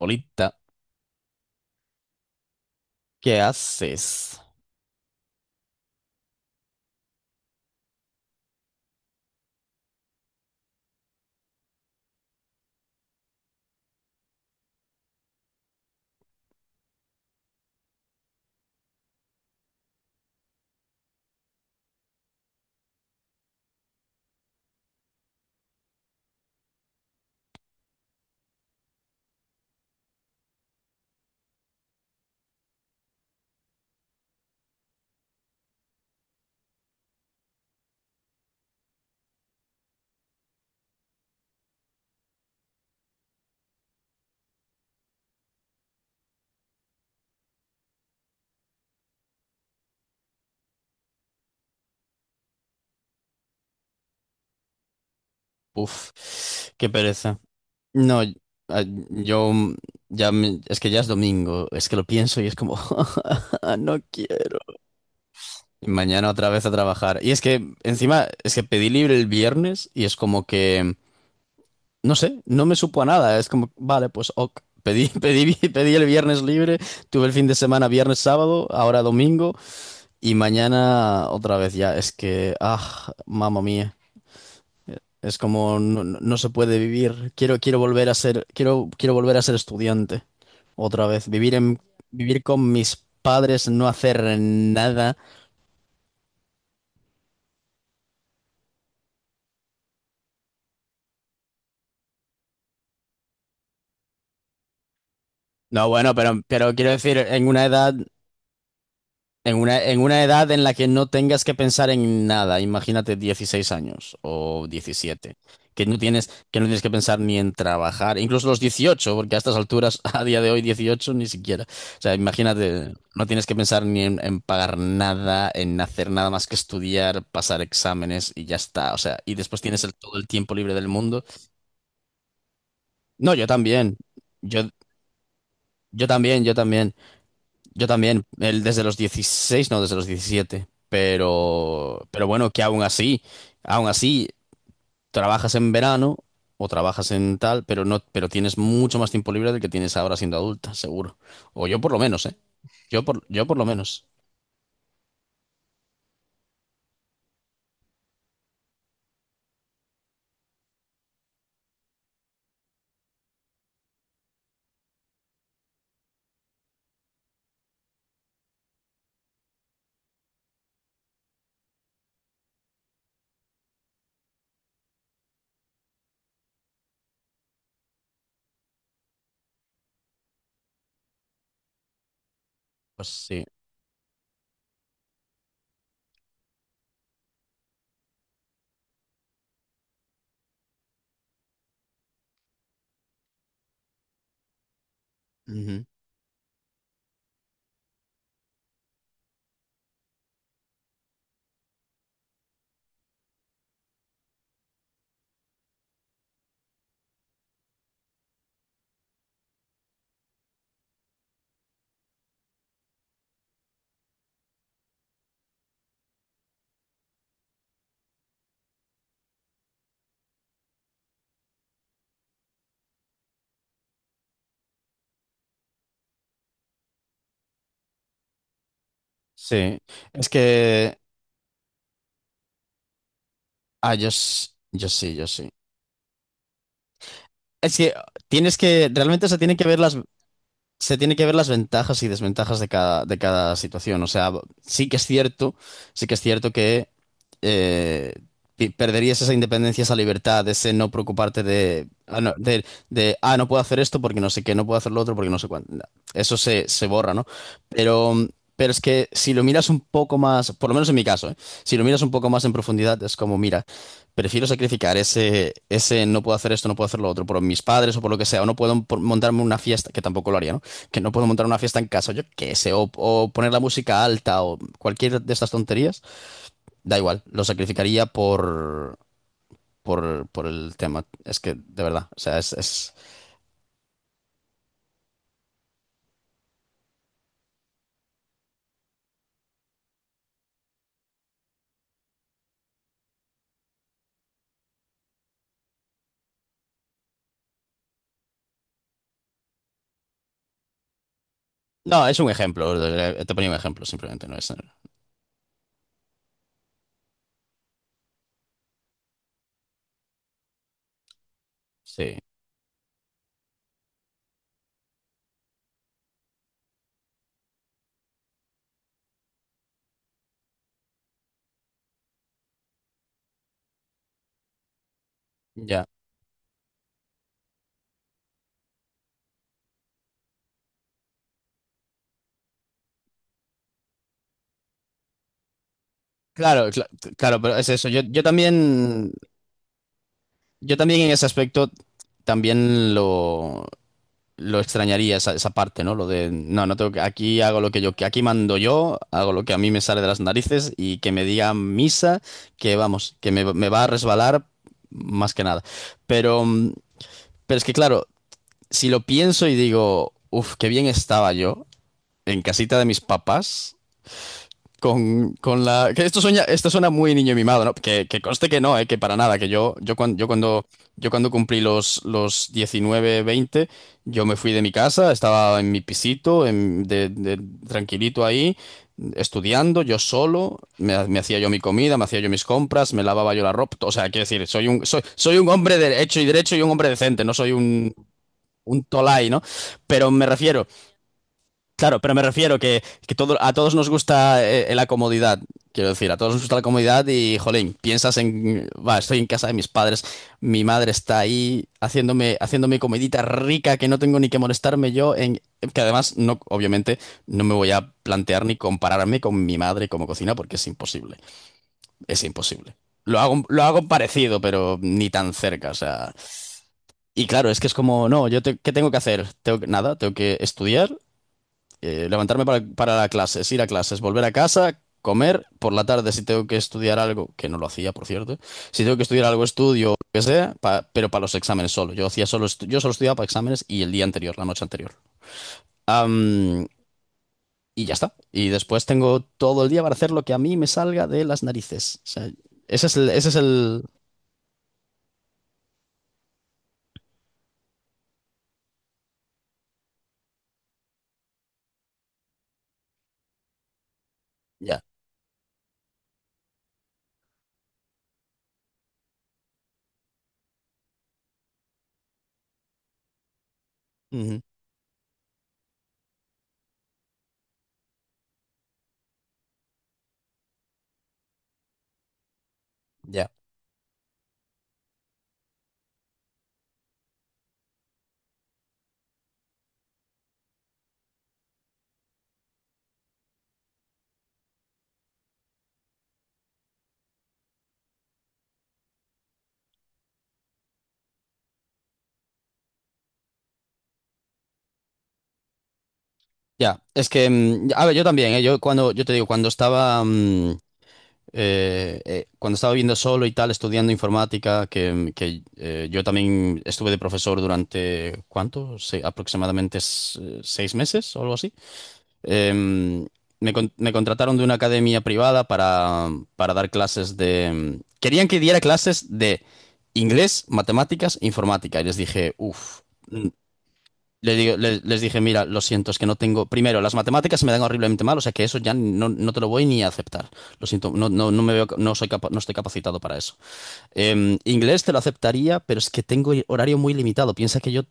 Olita, ¿qué haces? Uf, qué pereza. No, y- ah, yo mm, ya me- Es que ya es domingo, es que lo pienso y es como no quiero. Y mañana otra vez a trabajar. Y es que encima es que pedí libre el viernes y es como que no sé, no me supo a nada, es como vale, pues ok. Pedí el viernes libre, tuve el fin de semana viernes, sábado, ahora domingo y mañana otra vez ya. Es que, ah, mamma mía. Es como no, no se puede vivir. Quiero volver a ser estudiante otra vez. Vivir con mis padres, no hacer nada. No, bueno, pero quiero decir, en una edad. En una edad en la que no tengas que pensar en nada, imagínate 16 años o 17 que no tienes que pensar ni en trabajar, incluso los 18 porque a estas alturas, a día de hoy, 18 ni siquiera. O sea, imagínate, no tienes que pensar ni en, en pagar nada, en hacer nada más que estudiar, pasar exámenes y ya está. O sea, y después tienes todo el tiempo libre del mundo. No, yo también. Yo, yo también, yo también. Yo también, él desde los 16, no, desde los 17, pero bueno, que aún así, trabajas en verano o trabajas en tal, pero no, pero tienes mucho más tiempo libre del que tienes ahora siendo adulta, seguro. O yo por lo menos, ¿eh? Yo por lo menos. Pues sí. Ujú. Sí. Es que, ah, yo sí, yo sí. Es que tienes que, realmente se tiene que ver las, se tiene que ver las ventajas y desventajas de cada situación. O sea, sí que es cierto, sí que es cierto que eh, perderías esa independencia, esa libertad, ese no preocuparte de ah, no puedo hacer esto porque no sé qué, no puedo hacer lo otro porque no sé cuánto. Se borra, ¿no? Pero, pero es que si lo miras un poco más, por lo menos en mi caso, ¿eh? Si lo miras un poco más en profundidad, es como, mira, prefiero sacrificar ese, ese no puedo hacer esto, no puedo hacer lo otro por mis padres o por lo que sea, o no puedo montarme una fiesta, que tampoco lo haría, ¿no? Que no puedo montar una fiesta en casa, yo qué sé, o poner la música alta o cualquier de estas tonterías, da igual, lo sacrificaría por el tema. Es que, de verdad, o sea, es... No, es un ejemplo, te ponía un ejemplo, simplemente, no es... Sí, ya. Claro, claro, pero es eso. Yo también en ese aspecto también lo extrañaría esa, esa parte, ¿no? Lo de, no, no tengo que, aquí hago lo que yo, que aquí mando yo, hago lo que a mí me sale de las narices y que me diga misa, que vamos, me va a resbalar más que nada. Pero, pero es que claro, si lo pienso y digo, uff, qué bien estaba yo en casita de mis papás con la. Que esto suena muy niño mimado, ¿no? Que conste que no, ¿eh? Que para nada, que yo cuando cumplí los 19 20 yo me fui de mi casa, estaba en mi pisito, tranquilito ahí, estudiando, yo solo, me hacía yo mi comida, me hacía yo mis compras, me lavaba yo la ropa. O sea, quiero decir, soy un hombre de hecho y derecho y un hombre decente, no soy un tolai, ¿no? Pero me refiero. Claro, pero me refiero que todo, a todos nos gusta la comodidad. Quiero decir, a todos nos gusta la comodidad y, jolín, piensas en, va, estoy en casa de mis padres, mi madre está ahí haciéndome comidita rica que no tengo ni que molestarme yo, en, que además, no, obviamente, no me voy a plantear ni compararme con mi madre como cocina porque es imposible, es imposible. Lo hago parecido, pero ni tan cerca, o sea. Y claro, es que es como, no, ¿qué tengo que hacer? Nada, tengo que estudiar levantarme para la clases, ir a clases, volver a casa, comer, por la tarde si tengo que estudiar algo, que no lo hacía, por cierto, si tengo que estudiar algo, estudio, lo que sea, pero para los exámenes solo. Yo hacía solo, yo solo estudiaba para exámenes y el día anterior, la noche anterior. Am, y ya está. Y después tengo todo el día para hacer lo que a mí me salga de las narices. O sea, ese es el... Ya. Ujú, ya. Ya. Es que, a ver, yo también, ¿eh? Yo te digo, cuando estaba... cuando estaba viviendo solo y tal, estudiando informática, que yo también estuve de profesor durante, ¿cuánto? Aproximadamente 6 meses o algo así. Em, Me contrataron de una academia privada para dar clases de... Querían que diera clases de inglés, matemáticas, informática. Y les dije, uff. Les dije, mira, lo siento, es que no tengo. Primero, las matemáticas se me dan horriblemente mal, o sea que eso ya no, no te lo voy ni a aceptar. Lo siento, no, no, no me veo, no estoy capacitado para eso. Inglés te lo aceptaría, pero es que tengo horario muy limitado. Piensa que yo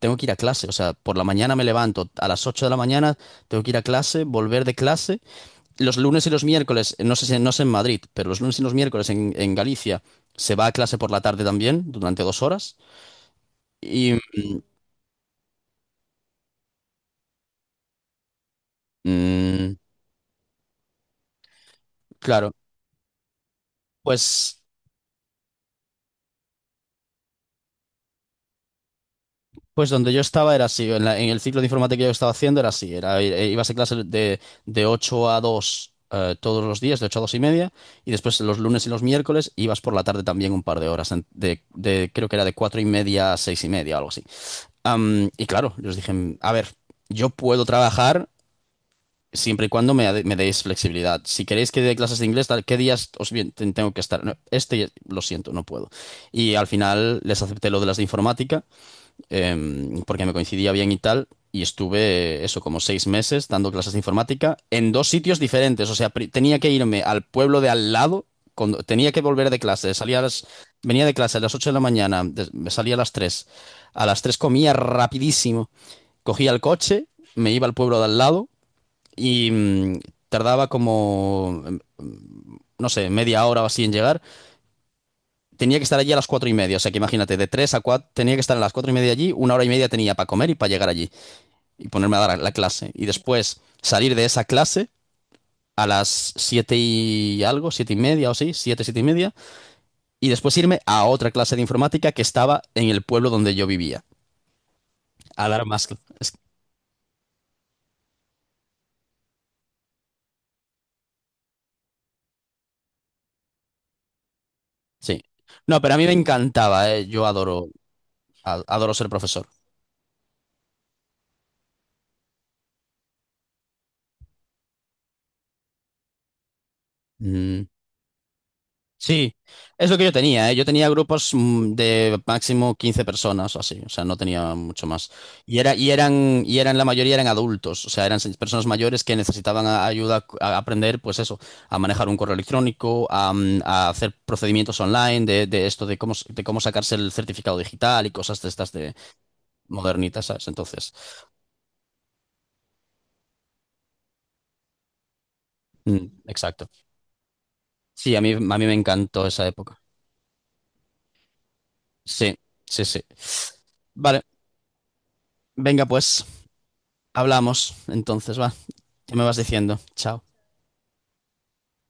tengo que ir a clase, o sea, por la mañana me levanto, a las 8 de la mañana tengo que ir a clase, volver de clase. Los lunes y los miércoles, no sé si no sé en Madrid, pero los lunes y los miércoles en Galicia se va a clase por la tarde también, durante 2 horas. Y mm, claro, pues. Pues donde yo estaba era así, en, en el ciclo de informática que yo estaba haciendo era así, era, ibas a clase de 8 a 2 todos los días, de 8 a 2 y media, y después los lunes y los miércoles ibas por la tarde también un par de horas, creo que era de 4 y media a 6 y media, algo así. Y claro, yo les dije, a ver, yo puedo trabajar siempre y cuando me deis flexibilidad. Si queréis que dé clases de inglés, tal, ¿qué días os bien, tengo que estar? No, este, lo siento, no puedo. Y al final les acepté lo de las de informática porque me coincidía bien y tal, y estuve eso como 6 meses dando clases de informática en dos sitios diferentes, o sea, tenía que irme al pueblo de al lado, tenía que volver de clase, venía de clase a las 8 de la mañana, me salía a las 3 a las tres, comía rapidísimo, cogía el coche, me iba al pueblo de al lado y tardaba como, no sé, 1/2 hora o así en llegar. Tenía que estar allí a las cuatro y media, o sea que imagínate, de tres a cuatro, tenía que estar a las cuatro y media allí, una hora y media tenía para comer y para llegar allí y ponerme a dar la clase. Y después salir de esa clase a las siete y algo, siete y media o sí, siete, siete y media, y después irme a otra clase de informática que estaba en el pueblo donde yo vivía, a dar más. Sí. No, pero a mí me encantaba, yo adoro, adoro ser profesor. Mm. Sí, es lo que yo tenía, ¿eh? Yo tenía grupos de máximo 15 personas o así, o sea, no tenía mucho más. Y era, y eran, la mayoría eran adultos, o sea, eran personas mayores que necesitaban ayuda a aprender, pues eso, a manejar un correo electrónico, a, a hacer procedimientos online de esto, de cómo, de cómo sacarse el certificado digital y cosas de estas de modernitas, ¿sabes? Entonces, mm, exacto. Sí, a mí me encantó esa época. Sí, sí, sí. Vale, venga pues, hablamos, entonces va. Ya me vas diciendo. Chao.